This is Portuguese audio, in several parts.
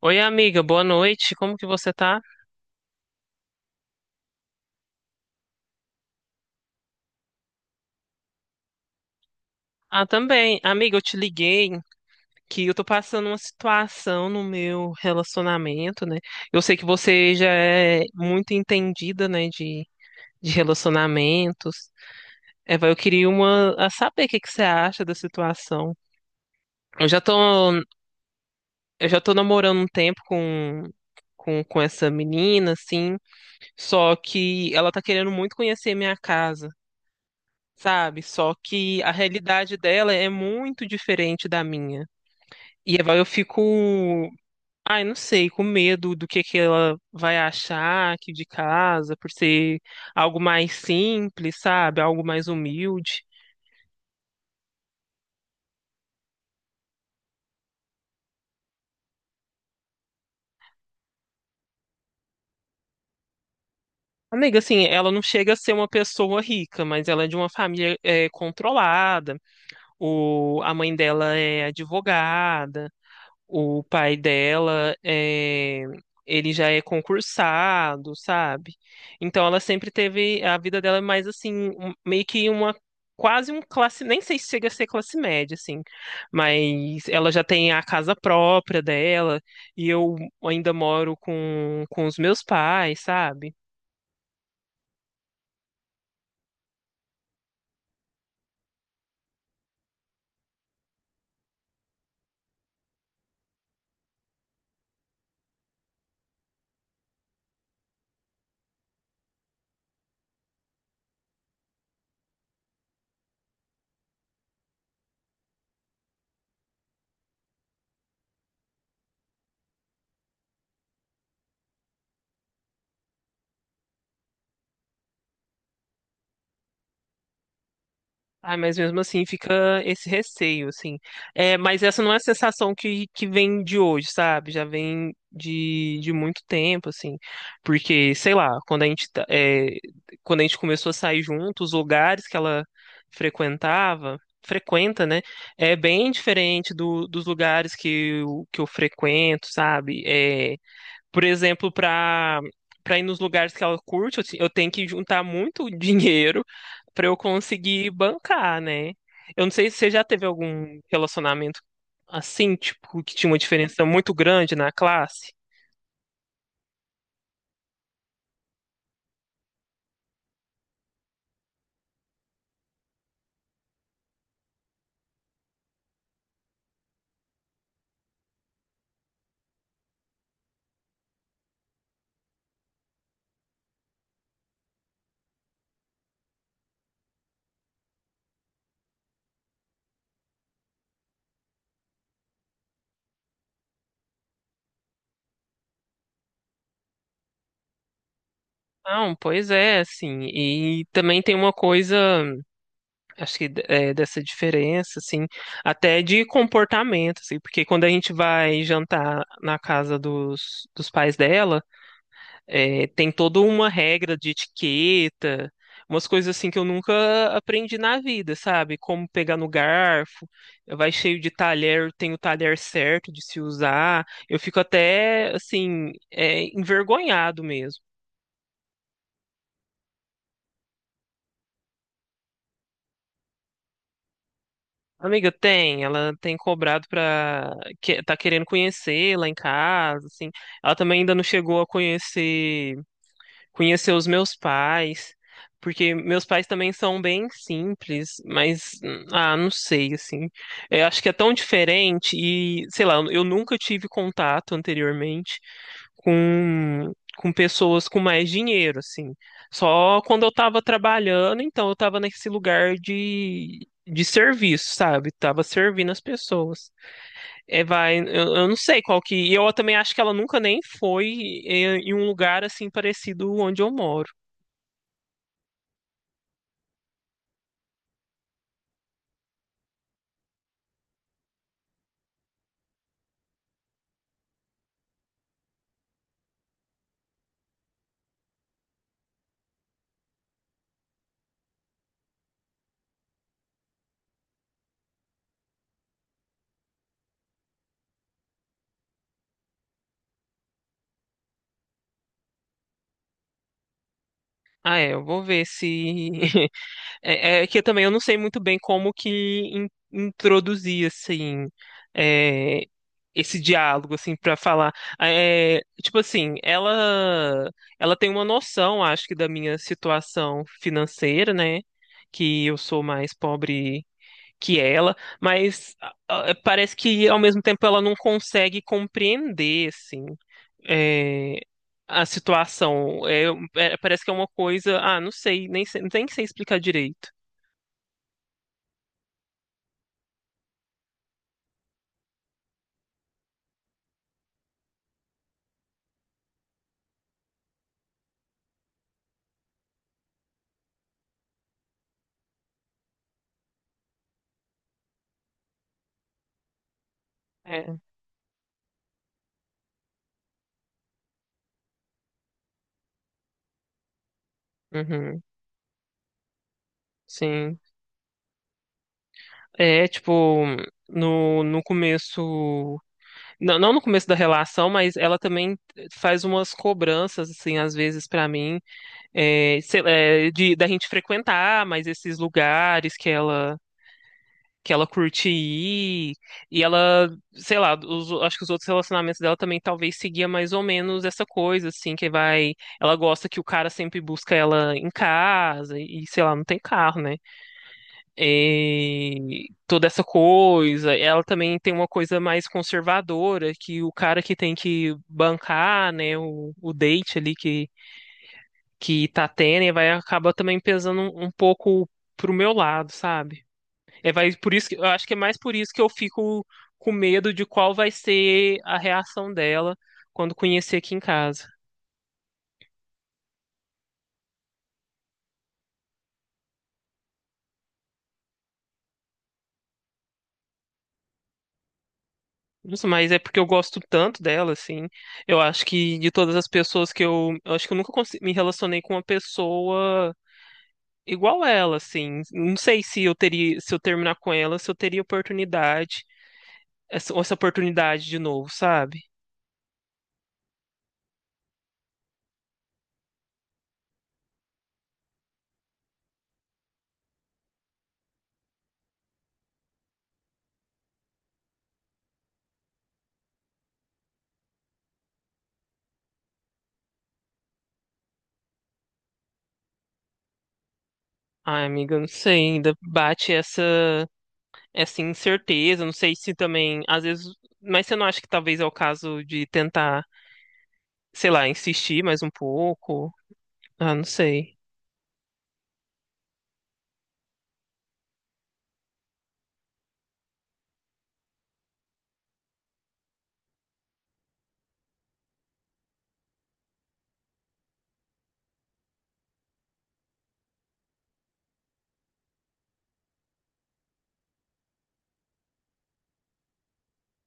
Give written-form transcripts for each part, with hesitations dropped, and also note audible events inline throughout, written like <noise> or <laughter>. Oi, amiga, boa noite. Como que você tá? Ah, também. Amiga, eu te liguei que eu tô passando uma situação no meu relacionamento, né? Eu sei que você já é muito entendida, né, de relacionamentos. Eva, eu queria uma, a saber o que que você acha da situação. Eu já tô, eu já tô namorando um tempo com essa menina, assim, só que ela tá querendo muito conhecer minha casa. Sabe? Só que a realidade dela é muito diferente da minha. E aí eu fico, ai, não sei, com medo do que ela vai achar aqui de casa, por ser algo mais simples, sabe? Algo mais humilde. Amiga, assim, ela não chega a ser uma pessoa rica, mas ela é de uma família é, controlada. O, a mãe dela é advogada. O pai dela é, ele já é concursado, sabe? Então ela sempre teve a vida dela é mais assim, meio que uma quase um classe, nem sei se chega a ser classe média assim, mas ela já tem a casa própria dela e eu ainda moro com os meus pais, sabe? Ah, mas mesmo assim fica esse receio, assim. É, mas essa não é a sensação que vem de hoje, sabe? Já vem de muito tempo, assim. Porque, sei lá, quando a gente, quando a gente começou a sair junto, os lugares que ela frequentava, frequenta, né? É bem diferente dos lugares que que eu frequento, sabe? É, por exemplo, para ir nos lugares que ela curte, eu tenho que juntar muito <laughs> dinheiro para eu conseguir bancar, né? Eu não sei se você já teve algum relacionamento assim, tipo, que tinha uma diferença muito grande na classe. Não, pois é, assim, e também tem uma coisa, acho que é, dessa diferença, assim, até de comportamento, assim, porque quando a gente vai jantar na casa dos pais dela. É, tem toda uma regra de etiqueta, umas coisas assim que eu nunca aprendi na vida, sabe? Como pegar no garfo, vai cheio de talher, tem o talher certo de se usar. Eu fico até, assim, é, envergonhado mesmo. Amiga, tem, ela tem cobrado pra. Que, tá querendo conhecer lá em casa, assim. Ela também ainda não chegou a conhecer os meus pais, porque meus pais também são bem simples, mas ah, não sei assim. Eu acho que é tão diferente e, sei lá, eu nunca tive contato anteriormente com pessoas com mais dinheiro, assim. Só quando eu tava trabalhando, então eu tava nesse lugar de serviço, sabe? Tava servindo as pessoas. É, vai, eu não sei qual que. E eu também acho que ela nunca nem foi em um lugar assim parecido onde eu moro. Ah, é, eu vou ver se. <laughs> É, é que eu também eu não sei muito bem como que introduzir assim é, esse diálogo assim para falar. É, tipo assim, ela tem uma noção, acho que da minha situação financeira, né? Que eu sou mais pobre que ela, mas ah, ah, parece que ao mesmo tempo ela não consegue compreender, assim é, a situação. É, é, parece que é uma coisa. Ah, não sei, nem sei explicar direito. É. Uhum, sim. É, tipo, no começo. Não, não no começo da relação, mas ela também faz umas cobranças, assim, às vezes pra mim. É, sei lá, da gente frequentar mais esses lugares que ela curte ir, e ela, sei lá, acho que os outros relacionamentos dela também talvez seguia mais ou menos essa coisa, assim, que vai, ela gosta que o cara sempre busca ela em casa, e sei lá, não tem carro, né? E toda essa coisa, ela também tem uma coisa mais conservadora, que o cara que tem que bancar, né, o date ali que tá tendo e vai acabar também pesando um pouco pro meu lado, sabe? É, vai, eu acho que é mais por isso que eu fico com medo de qual vai ser a reação dela quando conhecer aqui em casa. Nossa, mas é porque eu gosto tanto dela, assim. Eu acho que de todas as pessoas que eu. Eu acho que eu nunca me relacionei com uma pessoa igual ela, assim. Não sei se eu teria, se eu terminar com ela, se eu teria oportunidade, essa oportunidade de novo, sabe? Ai, amiga, eu não sei, ainda bate essa incerteza, não sei se também, às vezes, mas você não acha que talvez é o caso de tentar, sei lá, insistir mais um pouco? Ah, não sei.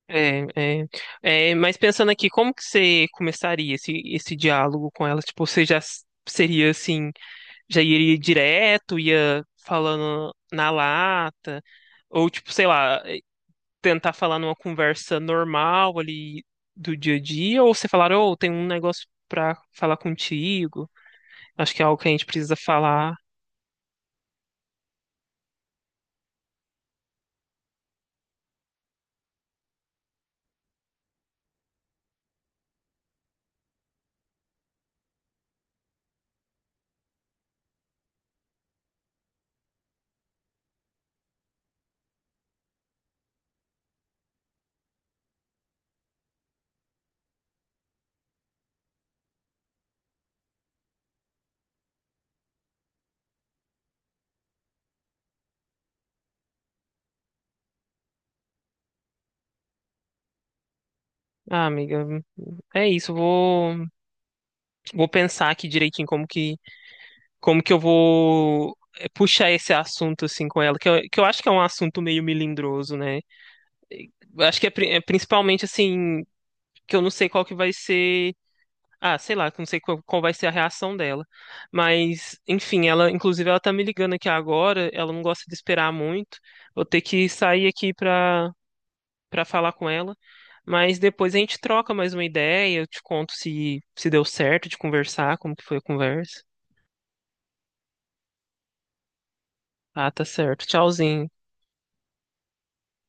É, é, mas pensando aqui, como que você começaria esse diálogo com ela? Tipo, você já seria assim, já iria direto, ia falando na lata, ou tipo, sei lá, tentar falar numa conversa normal ali do dia a dia, ou você falar, ô, tem um negócio pra falar contigo, acho que é algo que a gente precisa falar. Ah, amiga, é isso, eu vou, vou pensar aqui direitinho como que eu vou puxar esse assunto assim com ela, que eu acho que é um assunto meio melindroso, né? Eu acho que é é principalmente assim, que eu não sei qual que vai ser. Ah, sei lá, que eu não sei qual vai ser a reação dela. Mas, enfim, ela, inclusive, ela tá me ligando aqui agora, ela não gosta de esperar muito. Vou ter que sair aqui pra falar com ela. Mas depois a gente troca mais uma ideia, eu te conto se deu certo de conversar, como que foi a conversa. Ah, tá certo. Tchauzinho.